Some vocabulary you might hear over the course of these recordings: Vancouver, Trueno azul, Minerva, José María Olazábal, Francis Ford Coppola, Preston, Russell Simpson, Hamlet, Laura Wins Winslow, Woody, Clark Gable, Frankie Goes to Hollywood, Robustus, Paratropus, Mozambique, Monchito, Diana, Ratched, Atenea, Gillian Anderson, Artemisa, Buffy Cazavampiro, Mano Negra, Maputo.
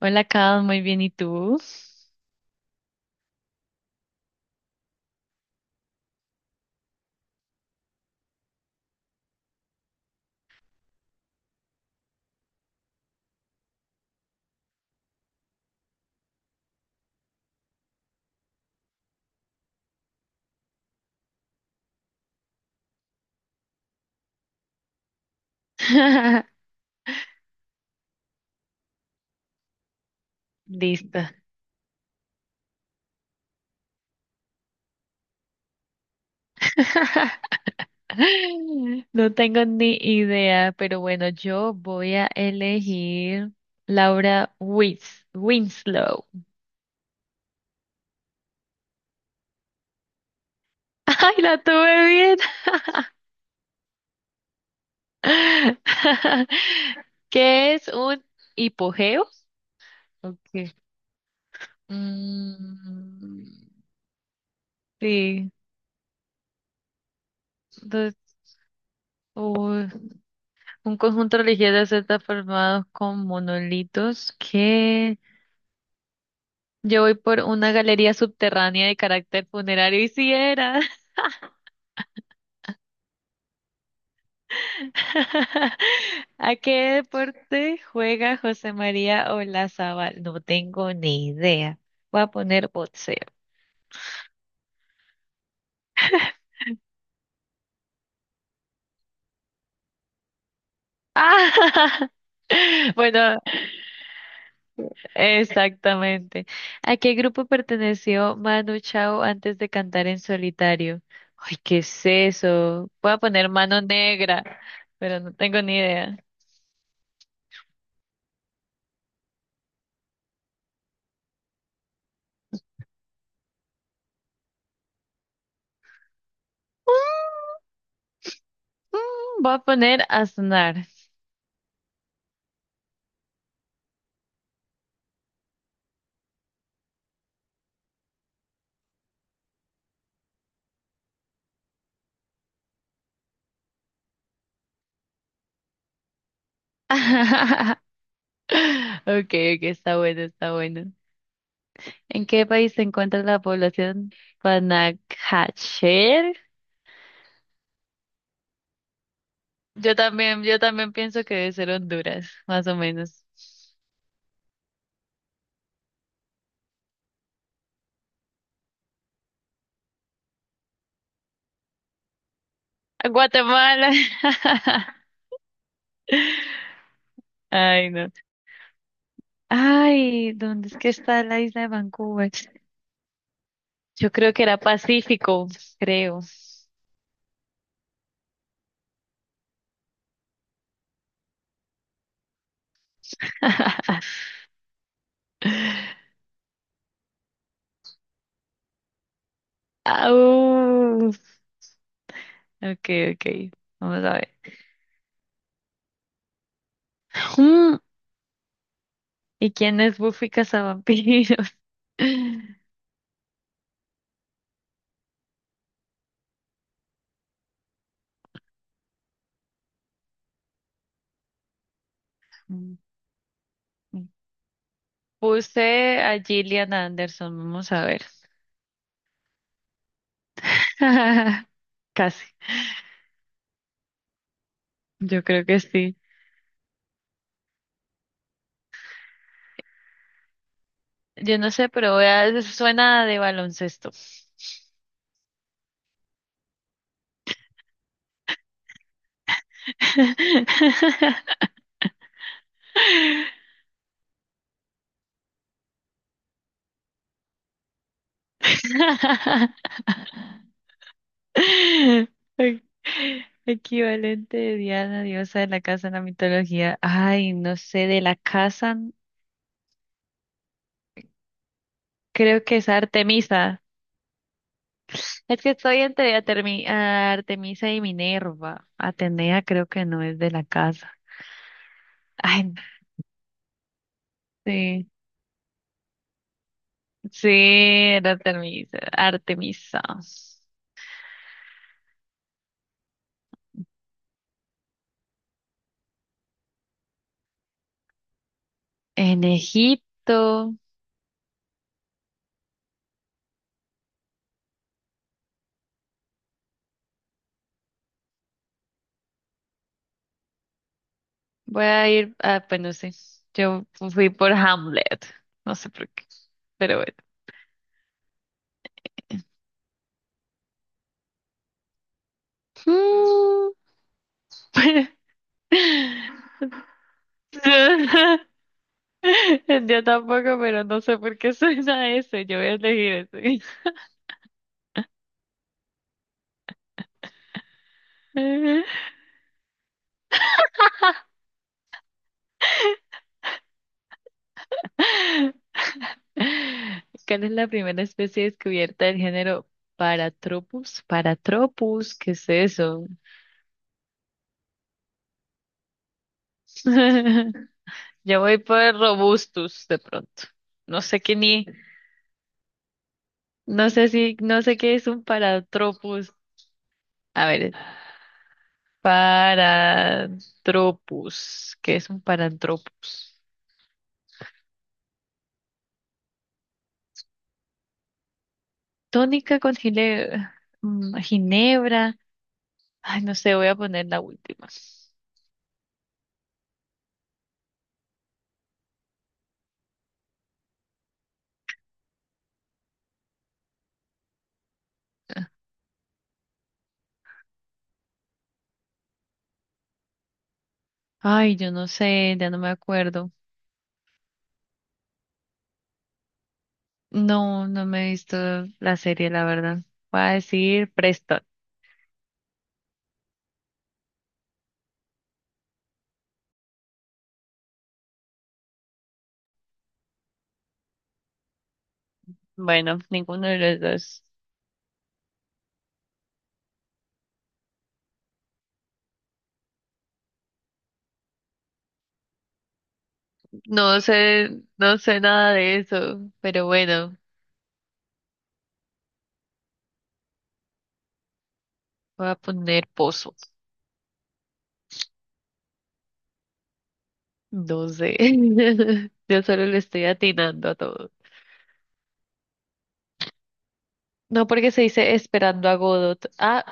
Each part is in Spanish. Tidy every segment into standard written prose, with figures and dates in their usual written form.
Hola, Carlos, muy bien, ¿y tú? Listo. No tengo ni idea, pero bueno, yo voy a elegir Laura Wins Winslow. ¡Ay, la tuve bien! ¿Qué es un hipogeo? Okay. Mm, sí, entonces, u- un conjunto religioso está formado con monolitos que yo voy por una galería subterránea de carácter funerario y si era. ¿A qué deporte juega José María Olazábal? No tengo ni idea. Voy a poner boxeo. ¡Ah! Bueno, exactamente. ¿A qué grupo perteneció Manu Chao antes de cantar en solitario? Ay, ¿qué es eso? Voy a poner Mano Negra, pero no tengo ni idea. Mm, voy a poner Aznar. Okay, okay, está bueno, está bueno. ¿En qué país se encuentra la población Panajachel? Yo también pienso que debe ser Honduras, más o menos. Guatemala. Ay, no. Ay, ¿dónde es que está la isla de Vancouver? Yo creo que era Pacífico, creo. Au. Okay, okay. Vamos a ver. Mm, ¿y quién es Buffy Cazavampiro? Mm, mm. Puse a Gillian Anderson, vamos a ver. Casi, yo creo que sí. Yo no sé, pero suena de baloncesto. Equivalente de Diana, diosa de la casa en la mitología. Ay, no sé, de la casa, creo que es Artemisa. Es que estoy entre Artemisa y Minerva. Atenea creo que no es de la casa. Ay, no. Sí, sí, era Artemisa. Artemisa. En Egipto. Voy a ir, ah, pues no sé. Yo fui por Hamlet. No sé por qué, pero bueno. Mm. Yo tampoco, pero no sé por qué suena ese. Yo voy a elegir ese. ¿Cuál es la primera especie descubierta del género Paratropus? Paratropus, ¿qué es eso? Yo voy por Robustus de pronto. No sé qué ni, no sé si, no sé qué es un Paratropus. A ver, Paratropus, ¿qué es un Paratropus? Tónica con gile- mm, ginebra. Ay, no sé, voy a poner la última. Ay, yo no sé, ya no me acuerdo. No, no me he visto la serie, la verdad. Voy a decir Preston. Bueno, ninguno de los dos. No sé, no sé nada de eso, pero bueno, voy a poner Pozo. No sé. Yo solo le estoy atinando a todo. No porque se dice esperando a Godot. Ah,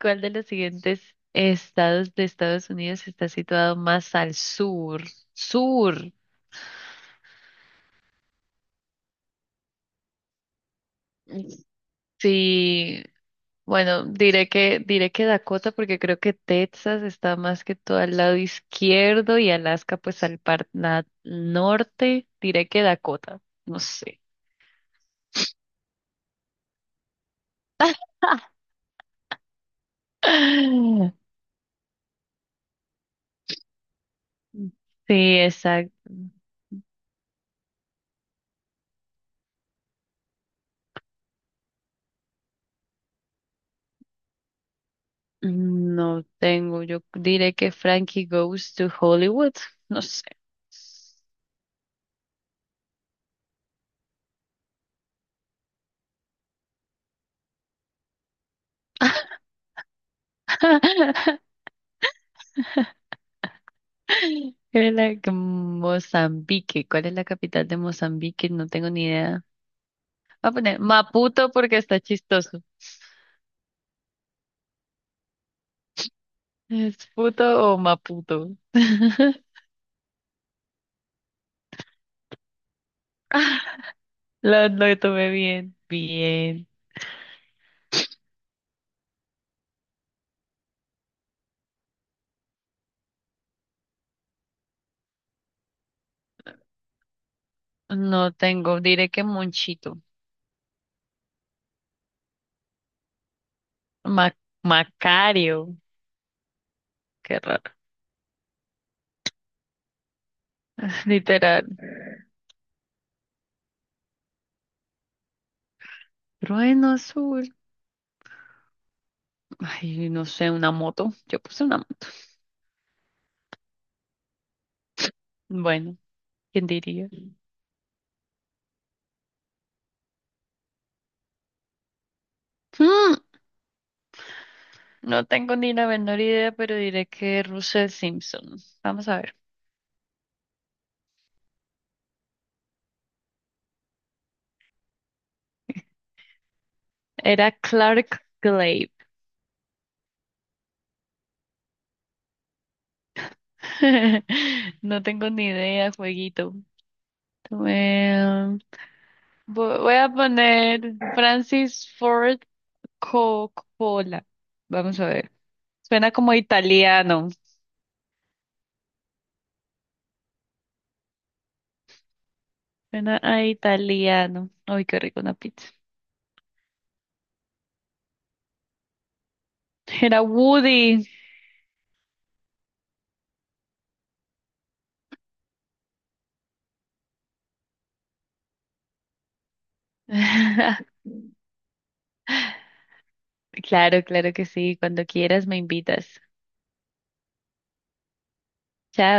¿cuál de los siguientes estados de Estados Unidos está situado más al sur? Sur. Sí. Bueno, diré que Dakota porque creo que Texas está más que todo al lado izquierdo y Alaska pues al norte. Diré que Dakota, no sé. Sí, exacto. No tengo, yo diré que Frankie Goes to Hollywood, no sé. Era la que Mozambique, ¿cuál es la capital de Mozambique? No tengo ni idea. Voy a poner Maputo porque está chistoso. ¿Es puto o maputo? Lo tomé bien. Bien. No tengo, diré que Monchito. Ma- Macario. Qué raro. Literal. Trueno azul. Ay, no sé, una moto. Yo puse una. Bueno, ¿quién diría? Hmm, no tengo ni la menor idea, pero diré que Russell Simpson. Vamos a ver. Era Clark Gable. No tengo ni idea, jueguito. Voy a poner Francis Ford Coppola. Vamos a ver. Suena como italiano. Suena a italiano. Ay, qué rico una pizza. Era Woody. Claro, claro que sí. Cuando quieras me invitas. Chao.